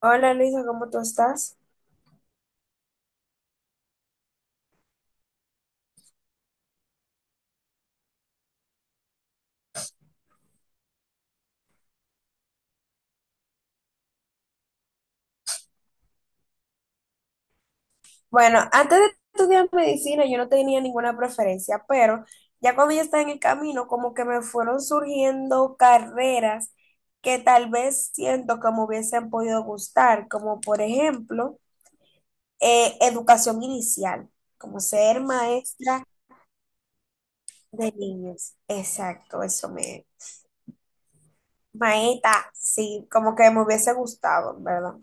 Hola Luisa, ¿cómo tú estás? Bueno, antes de estudiar medicina yo no tenía ninguna preferencia, pero ya cuando yo estaba en el camino, como que me fueron surgiendo carreras que tal vez siento que me hubiesen podido gustar, como por ejemplo, educación inicial, como ser maestra de niños. Exacto, eso me... Maestra, sí, como que me hubiese gustado, ¿verdad?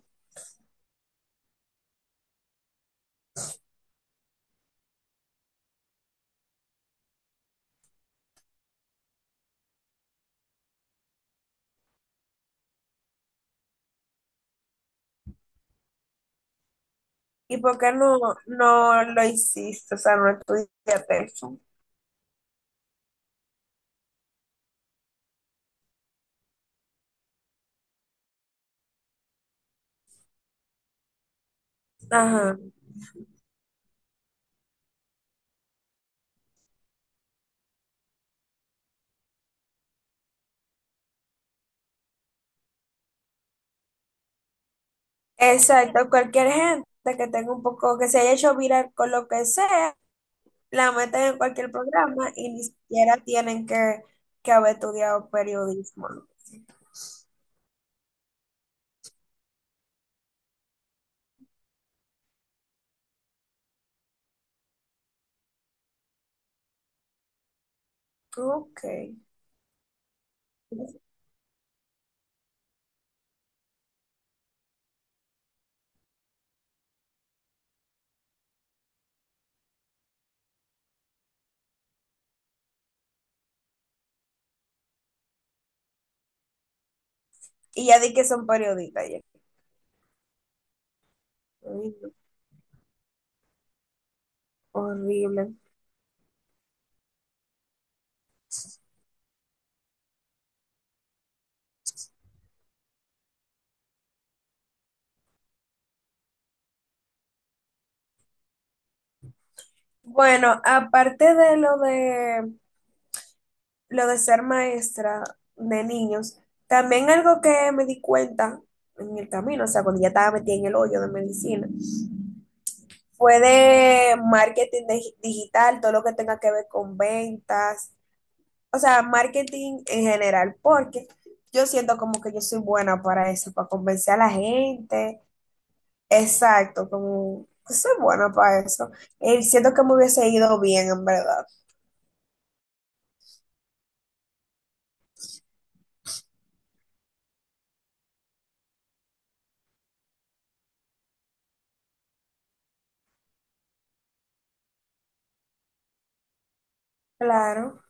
¿Y por qué no, no lo hiciste? O sea, no estudiaste eso. Ajá, exacto. Cualquier gente que tenga un poco, que se haya hecho viral con lo que sea, la meten en cualquier programa y ni siquiera tienen que haber estudiado periodismo, ¿no? Ok. Y ya di que son periodistas, ya. Ay, no. Horrible. Bueno, aparte de lo de lo de ser maestra de niños, también algo que me di cuenta en el camino, o sea, cuando ya estaba metida en el hoyo de medicina, fue de marketing de- digital, todo lo que tenga que ver con ventas, o sea, marketing en general, porque yo siento como que yo soy buena para eso, para convencer a la gente, exacto, como que soy buena para eso, y siento que me hubiese ido bien en verdad. Claro.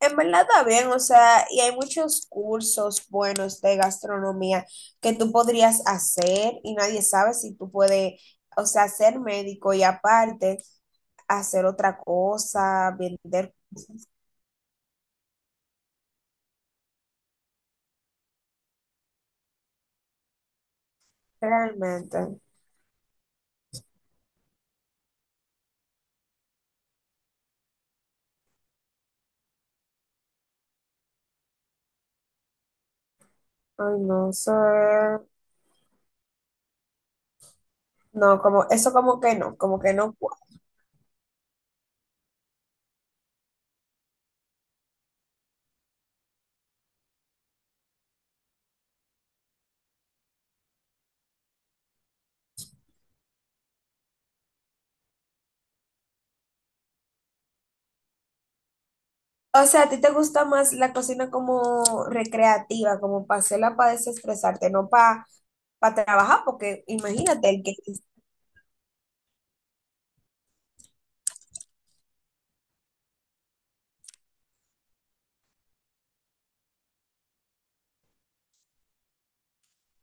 En verdad está bien, o sea, y hay muchos cursos buenos de gastronomía que tú podrías hacer y nadie sabe si tú puedes, o sea, ser médico y aparte hacer otra cosa, vender realmente. Ay, no sé. No, como eso como que no, como que no cuadra. O sea, a ti te gusta más la cocina como recreativa, como para hacerla para desestresarte, no para para trabajar, porque imagínate el que...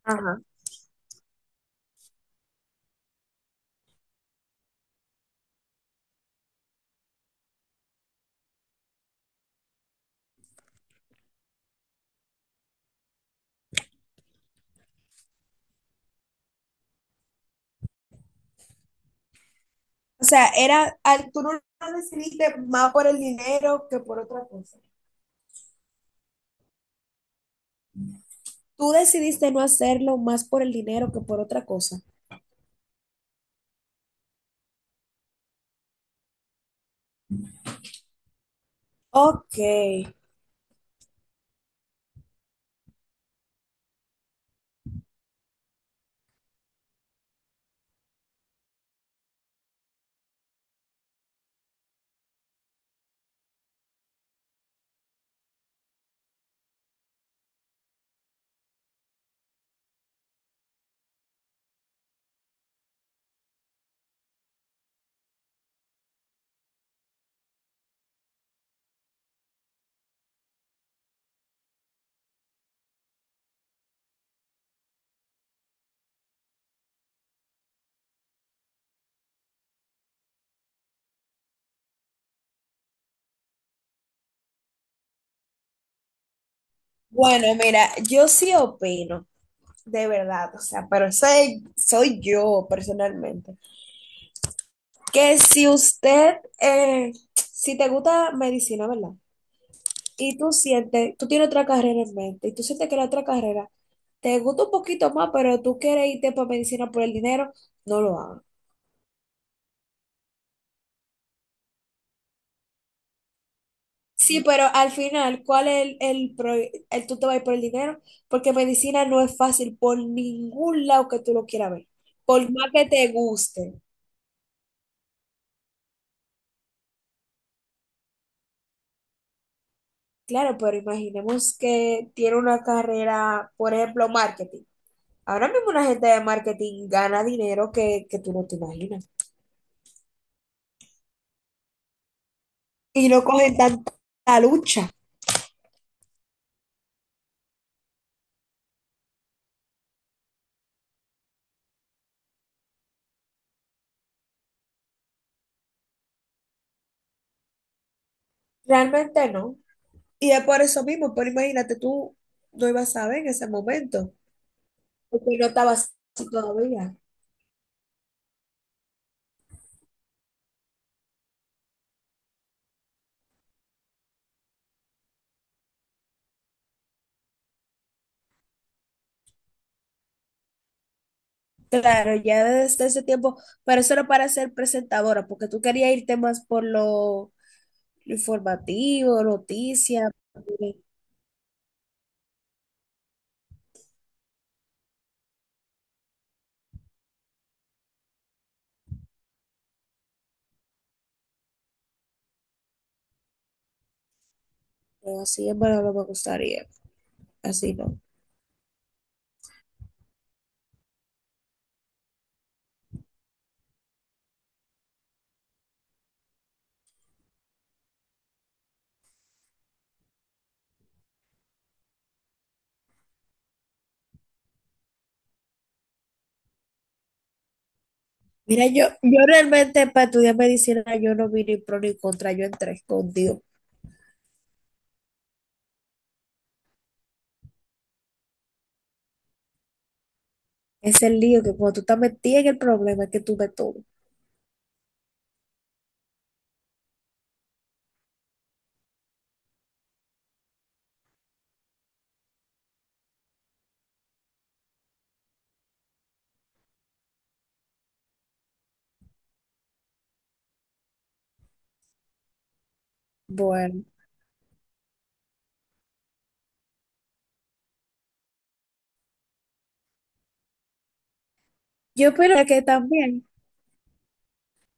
Ajá. O sea, era, al- tú no lo decidiste más por el dinero que por otra cosa. Tú decidiste no hacerlo más por el dinero que por otra cosa. Ok, bueno, mira, yo sí opino, de verdad, o sea, pero soy, soy yo personalmente, que si usted, si te gusta medicina, ¿verdad? Y tú sientes, tú tienes otra carrera en mente, y tú sientes que la otra carrera te gusta un poquito más, pero tú quieres irte para medicina por el dinero, no lo hagas. Sí, pero al final, ¿cuál es pro- el tú te vas a ir por el dinero? Porque medicina no es fácil por ningún lado que tú lo quieras ver, por más que te guste. Claro, pero imaginemos que tiene una carrera, por ejemplo, marketing. Ahora mismo una gente de marketing gana dinero que tú no te imaginas. Y no cogen tanta lucha. Realmente no. Y es por eso mismo, pero imagínate, tú no ibas a ver en ese momento, porque no estabas así todavía. Claro, ya desde ese tiempo, pero eso era para ser presentadora, porque tú querías irte más por lo informativo, noticias, pero así en verdad no me gustaría, así no. Mira, yo realmente para estudiar medicina yo no vi ni pro ni contra, yo entré con Dios. Es el lío que cuando tú estás metida en el problema es que tú ves todo. Bueno, yo opino que también,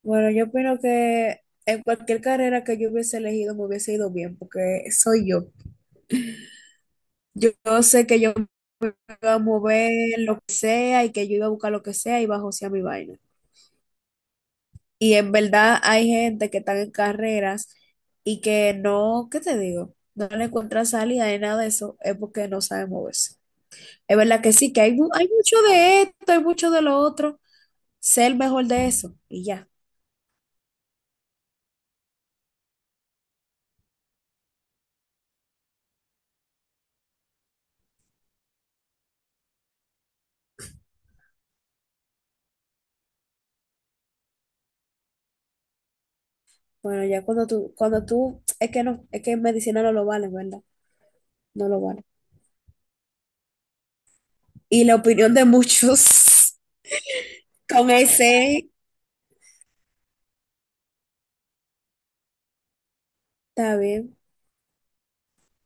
bueno, yo opino que en cualquier carrera que yo hubiese elegido me hubiese ido bien, porque soy yo. Yo sé que yo me iba a mover lo que sea y que yo iba a buscar lo que sea y iba a josear mi vaina. Y en verdad hay gente que están en carreras y que no, ¿qué te digo? No le encuentra salida ni nada de eso, es porque no sabe moverse. Es verdad que sí, que hay, mu- hay mucho de esto, hay mucho de lo otro, sé el mejor de eso y ya. Bueno, ya cuando tú, es que no, es que en medicina no lo vale, ¿verdad? No lo vale. Y la opinión de muchos con ese, está bien.